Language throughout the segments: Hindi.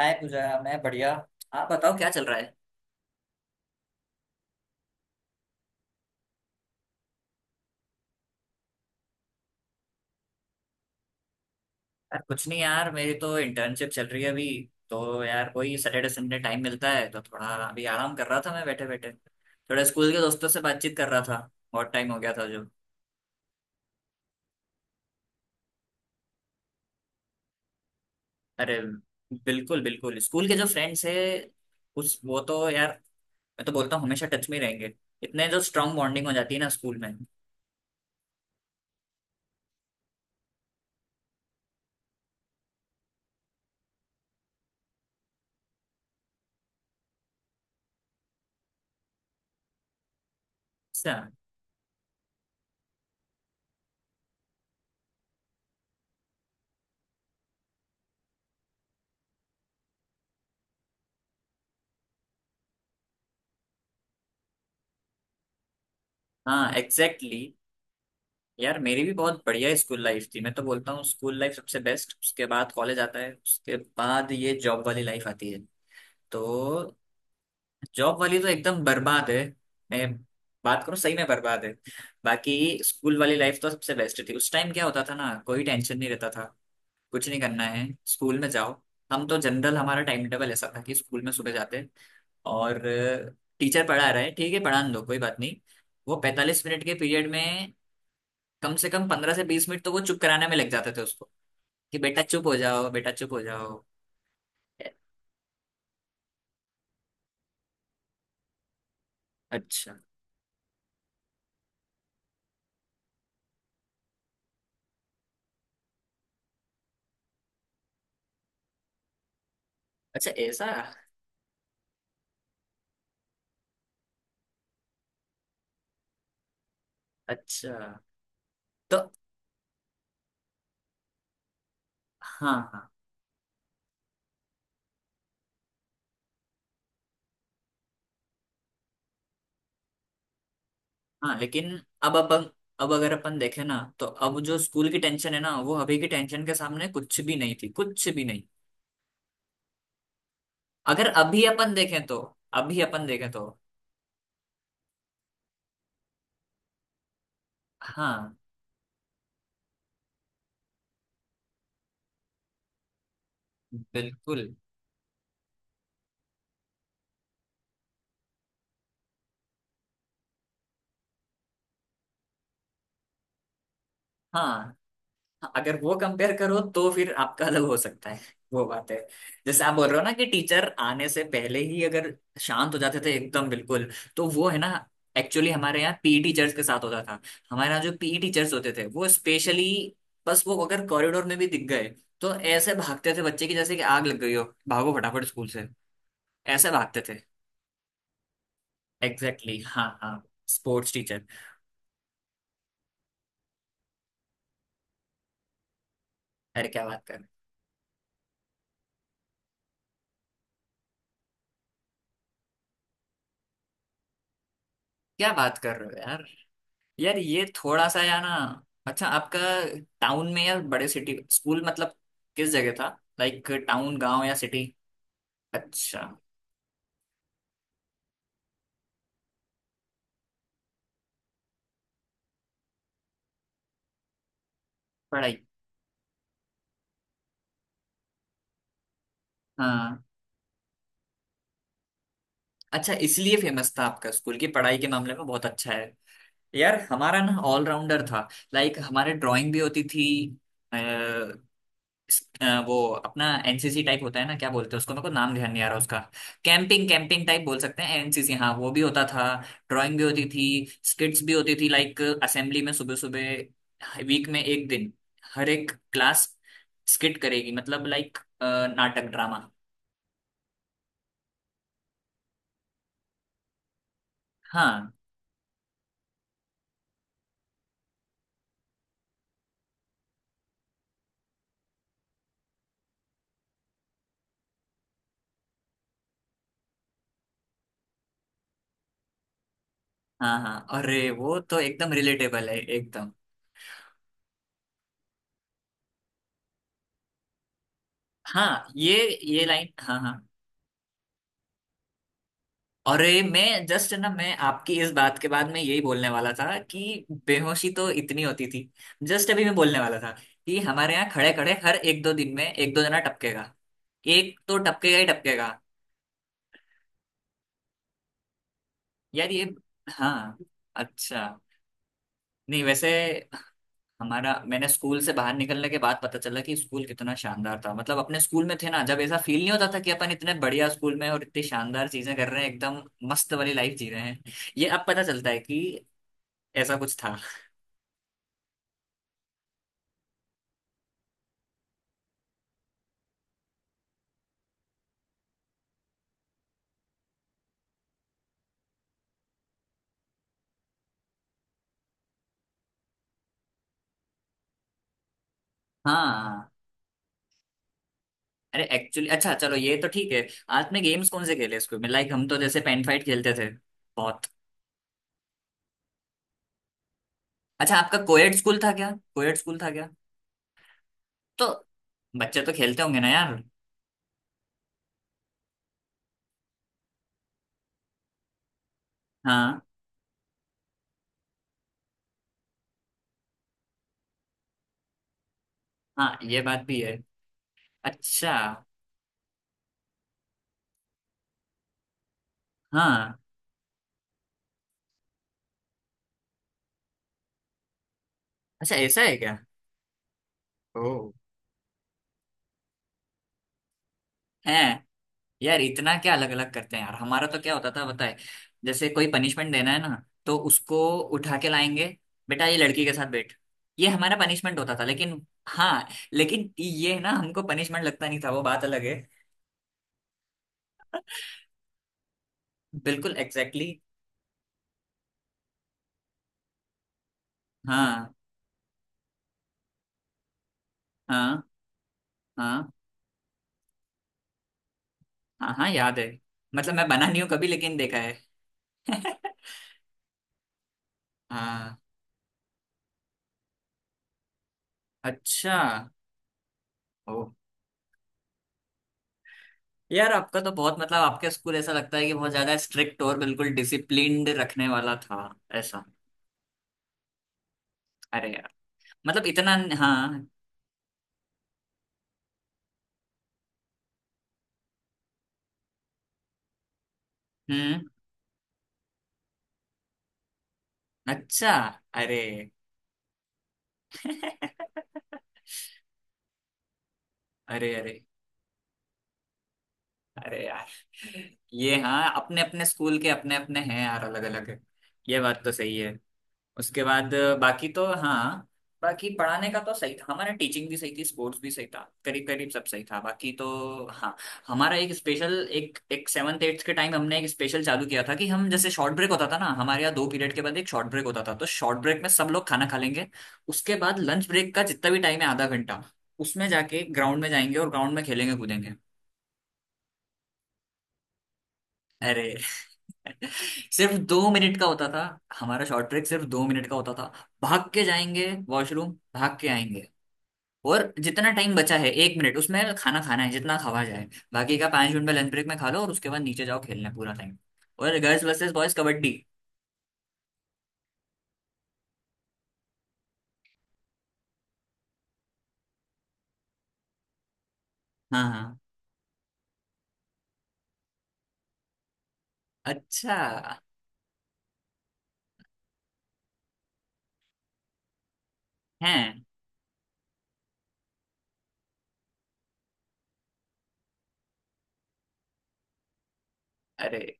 हाय पूजा, मैं बढ़िया। आप बताओ क्या चल रहा है। यार कुछ नहीं यार, मेरी तो इंटर्नशिप चल रही है अभी। तो यार कोई सैटरडे संडे टाइम मिलता है तो थोड़ा अभी आराम कर रहा था। मैं बैठे बैठे थोड़ा स्कूल के दोस्तों से बातचीत कर रहा था। बहुत टाइम हो गया था जो। अरे बिल्कुल बिल्कुल, स्कूल के जो फ्रेंड्स है उस वो तो यार, मैं तो बोलता हूँ हमेशा टच में ही रहेंगे। इतने जो स्ट्रांग बॉन्डिंग हो जाती है ना स्कूल में। अच्छा। हाँ एग्जैक्टली। यार मेरी भी बहुत बढ़िया स्कूल लाइफ थी। मैं तो बोलता हूँ स्कूल लाइफ सबसे बेस्ट, उसके बाद कॉलेज आता है, उसके बाद ये जॉब वाली लाइफ आती है। तो जॉब वाली तो एकदम बर्बाद है। मैं बात करूँ सही में बर्बाद है। बाकी स्कूल वाली लाइफ तो सबसे बेस्ट थी। उस टाइम क्या होता था ना, कोई टेंशन नहीं रहता था। कुछ नहीं करना है, स्कूल में जाओ। हम तो जनरल हमारा टाइम टेबल ऐसा था कि स्कूल में सुबह जाते। और टीचर पढ़ा रहा है, ठीक है पढ़ा दो, कोई बात नहीं। वो 45 मिनट के पीरियड में कम से कम 15 से 20 मिनट तो वो चुप कराने में लग जाते थे उसको, कि बेटा चुप हो जाओ, बेटा चुप हो जाओ। ए- अच्छा। अच्छा ऐसा। अच्छा। तो हाँ हाँ। हाँ लेकिन अब अपन, अब अगर अपन देखें ना तो अब जो स्कूल की टेंशन है ना वो अभी की टेंशन के सामने कुछ भी नहीं थी, कुछ भी नहीं। अगर अभी अपन देखें तो, अभी अपन देखें तो। हाँ। बिल्कुल। हाँ अगर वो कंपेयर करो तो फिर आपका अलग हो सकता है, वो बात है। जैसे आप बोल रहे हो ना कि टीचर आने से पहले ही अगर शांत हो जाते थे एकदम बिल्कुल, तो वो है ना एक्चुअली हमारे यहाँ पीई टीचर्स के साथ होता था। हमारे यहाँ जो पीई टीचर्स होते थे वो स्पेशली, बस वो अगर कॉरिडोर में भी दिख गए तो ऐसे भागते थे बच्चे की जैसे कि आग लग गई हो, भागो फटाफट स्कूल से। ऐसे भागते थे। एग्जैक्टली exactly, हाँ हाँ। Sports teacher. अरे क्या बात कर रहे हो यार, यार ये थोड़ा सा यार ना। अच्छा आपका टाउन में या बड़े सिटी स्कूल, मतलब किस जगह था, लाइक टाउन गांव या सिटी। अच्छा। पढ़ाई। हाँ अच्छा इसलिए फेमस था आपका स्कूल की पढ़ाई के मामले में बहुत अच्छा है। यार हमारा ना ऑलराउंडर था। लाइक हमारे ड्राइंग भी होती थी। वो अपना एनसीसी टाइप होता है ना, क्या बोलते हैं उसको, मेरे को नाम ध्यान नहीं आ रहा उसका। कैंपिंग कैंपिंग टाइप बोल सकते हैं, एनसीसी हाँ वो भी होता था। ड्राइंग भी होती थी, स्किट्स भी होती थी, लाइक असेंबली में सुबह सुबह वीक में एक दिन हर एक क्लास स्किट करेगी, मतलब लाइक नाटक ड्रामा। हाँ हाँ। हाँ अरे वो तो एकदम रिलेटेबल है एकदम। हाँ ये लाइन, हाँ हाँ। अरे मैं जस्ट ना, मैं आपकी इस बात के बाद मैं यही बोलने वाला था कि बेहोशी तो इतनी होती थी। जस्ट अभी मैं बोलने वाला था कि हमारे यहाँ खड़े खड़े हर एक दो दिन में एक दो जना टपकेगा। एक तो टपकेगा ही टपकेगा। यार ये, हाँ। अच्छा। नहीं वैसे हमारा, मैंने स्कूल से बाहर निकलने के बाद पता चला कि स्कूल कितना शानदार था। मतलब अपने स्कूल में थे ना जब, ऐसा फील नहीं होता था कि अपन इतने बढ़िया स्कूल में और इतनी शानदार चीजें कर रहे हैं एकदम मस्त वाली लाइफ जी रहे हैं। ये अब पता चलता है कि ऐसा कुछ था। हाँ। अरे एक्चुअली, अच्छा चलो ये तो ठीक है। आपने गेम्स कौन से खेले स्कूल में, लाइक हम तो जैसे पेन फाइट खेलते थे बहुत। अच्छा आपका कोएड स्कूल था क्या, कोएड स्कूल था क्या। तो बच्चे तो खेलते होंगे ना यार। हाँ हाँ ये बात भी है। अच्छा। हाँ। अच्छा ऐसा है क्या। ओ है। यार इतना क्या अलग अलग करते हैं यार, हमारा तो क्या होता था बताए, जैसे कोई पनिशमेंट देना है ना तो उसको उठा के लाएंगे, बेटा ये लड़की के साथ बैठ, ये हमारा पनिशमेंट होता था, लेकिन हाँ लेकिन ये ना हमको पनिशमेंट लगता नहीं था, वो बात अलग है। बिल्कुल एग्जैक्टली exactly, हाँ हाँ। हाँ हाँ हाँ याद है। मतलब मैं बना नहीं हूँ कभी, लेकिन देखा है। हाँ। अच्छा। ओ। यार आपका तो बहुत मतलब आपके स्कूल ऐसा लगता है कि बहुत ज्यादा स्ट्रिक्ट और बिल्कुल डिसिप्लिन्ड रखने वाला था ऐसा। अरे मतलब इतना। हाँ। हम्म। अच्छा। अरे अरे अरे। अरे यार ये, हाँ अपने अपने स्कूल के अपने अपने हैं यार, अलग अलग। ये बात तो सही है। उसके बाद बाकी तो हाँ, बाकी पढ़ाने का तो सही था, हमारा टीचिंग भी सही थी, स्पोर्ट्स भी सही था, करीब करीब सब सही था बाकी तो। हाँ। हमारा एक स्पेशल, एक एक 7th 8th के टाइम हमने एक स्पेशल चालू किया था कि हम, जैसे शॉर्ट ब्रेक होता था ना हमारे यहाँ 2 पीरियड के बाद एक शॉर्ट ब्रेक होता था, तो शॉर्ट ब्रेक में सब लोग खाना खा लेंगे, उसके बाद लंच ब्रेक का जितना भी टाइम है आधा घंटा उसमें जाके ग्राउंड में जाएंगे और ग्राउंड में खेलेंगे कूदेंगे। अरे सिर्फ 2 मिनट का होता था, हमारा शॉर्ट ब्रेक सिर्फ 2 मिनट का होता था। भाग के जाएंगे वॉशरूम, भाग के आएंगे, और जितना टाइम बचा है 1 मिनट उसमें खाना खाना है जितना खावा जाए। बाकी का 5 मिनट में लंच ब्रेक में खा लो, और उसके बाद नीचे जाओ खेलने पूरा टाइम। और गर्ल्स वर्सेस बॉयज कबड्डी। हाँ हाँ अच्छा है। अरे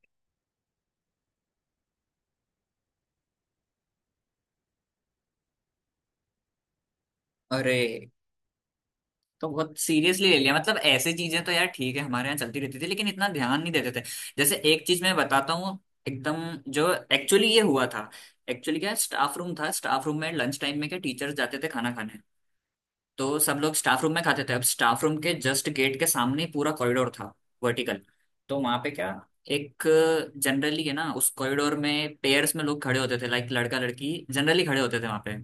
अरे। तो बहुत सीरियसली ले लिया, मतलब ऐसी चीजें तो यार ठीक है हमारे यहाँ चलती रहती थी लेकिन इतना ध्यान नहीं देते थे। जैसे एक चीज मैं बताता हूँ एकदम, जो एक्चुअली ये हुआ था। एक्चुअली क्या, स्टाफ रूम था, स्टाफ रूम में लंच टाइम में क्या टीचर्स जाते थे खाना खाने, तो सब लोग स्टाफ रूम में खाते थे। अब स्टाफ रूम के जस्ट गेट के सामने ही पूरा कॉरिडोर था वर्टिकल, तो वहां पे क्या, एक, जनरली है ना उस कॉरिडोर में पेयर्स में लोग खड़े होते थे, लाइक लड़का लड़की जनरली खड़े होते थे वहां पे।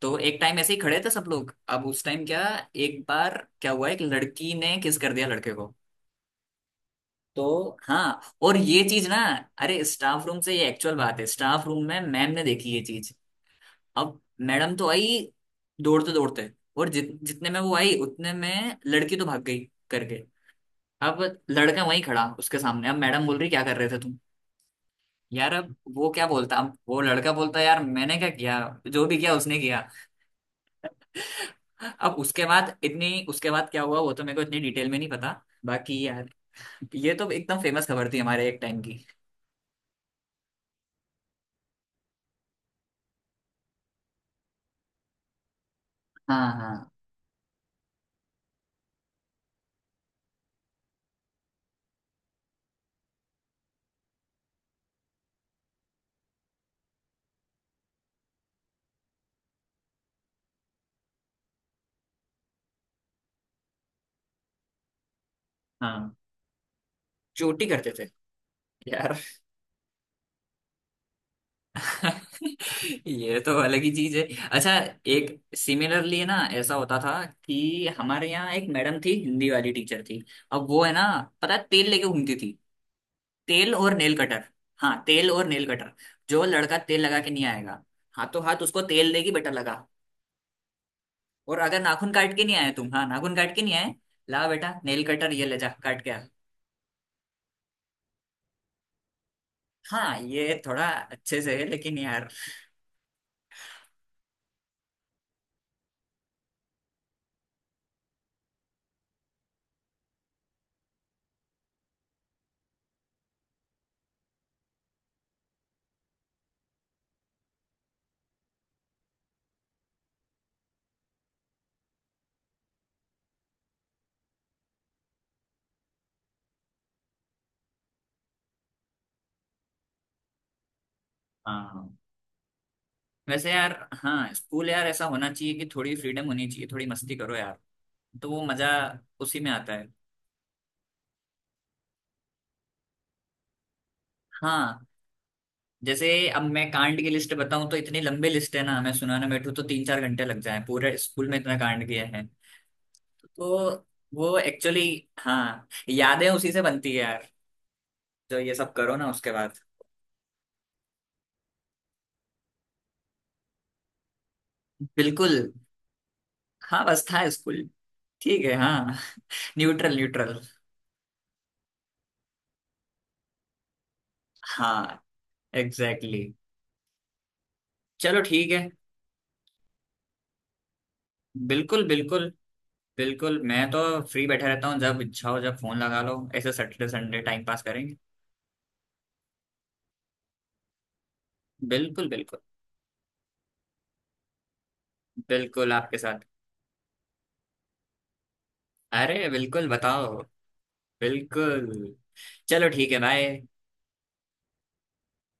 तो एक टाइम ऐसे ही खड़े थे सब लोग, अब उस टाइम क्या, एक बार क्या हुआ एक लड़की ने किस कर दिया लड़के को। तो हाँ, और ये चीज ना, अरे स्टाफ रूम से, ये एक्चुअल बात है, स्टाफ रूम में मैम ने देखी ये चीज। अब मैडम तो आई दौड़ते दौड़ते, और जितने में वो आई उतने में लड़की तो भाग गई करके। अब लड़का वहीं खड़ा उसके सामने, अब मैडम बोल रही क्या कर रहे थे तुम। यार अब वो क्या बोलता, अब वो लड़का बोलता यार मैंने क्या किया, जो भी किया उसने किया। अब उसके बाद इतनी, उसके बाद क्या हुआ वो तो मेरे को इतनी डिटेल में नहीं पता, बाकी यार ये तो एकदम फेमस खबर थी हमारे एक टाइम की। हाँ हाँ। हाँ चोटी करते थे। यार ये तो अलग ही चीज है। अच्छा एक सिमिलरली है ना, ऐसा होता था कि हमारे यहाँ एक मैडम थी हिंदी वाली टीचर थी। अब वो है ना, पता है, तेल लेके घूमती थी, तेल और नेल कटर। हाँ तेल और नेल कटर। जो लड़का तेल लगा के नहीं आएगा हाथों हाथ उसको तेल देगी, बेटा लगा। और अगर नाखून काट के नहीं आए तुम, हाँ नाखून काट के नहीं आए, ला बेटा नेल कटर ये ले जा काट के आ। हाँ ये थोड़ा अच्छे से है लेकिन यार हाँ। वैसे यार हाँ, स्कूल यार ऐसा होना चाहिए कि थोड़ी फ्रीडम होनी चाहिए, थोड़ी मस्ती करो यार, तो वो मजा उसी में आता है। हाँ। जैसे अब मैं कांड की लिस्ट बताऊं तो इतनी लंबी लिस्ट है ना, मैं सुनाने बैठूं तो 3 4 घंटे लग जाए, पूरे स्कूल में इतना कांड किया है। तो वो एक्चुअली, हाँ यादें उसी से बनती है यार, जो ये सब करो ना उसके बाद। बिल्कुल। हाँ बस था स्कूल, ठीक है हाँ। Neutral neutral. हाँ एग्जैक्टली exactly. चलो ठीक है। बिल्कुल बिल्कुल। बिल्कुल मैं तो फ्री बैठा रहता हूँ, जब इच्छा हो जब फोन लगा लो, ऐसे सैटरडे संडे टाइम पास करेंगे। बिल्कुल बिल्कुल। बिल्कुल आपके साथ। अरे बिल्कुल बताओ। बिल्कुल। चलो ठीक है भाई।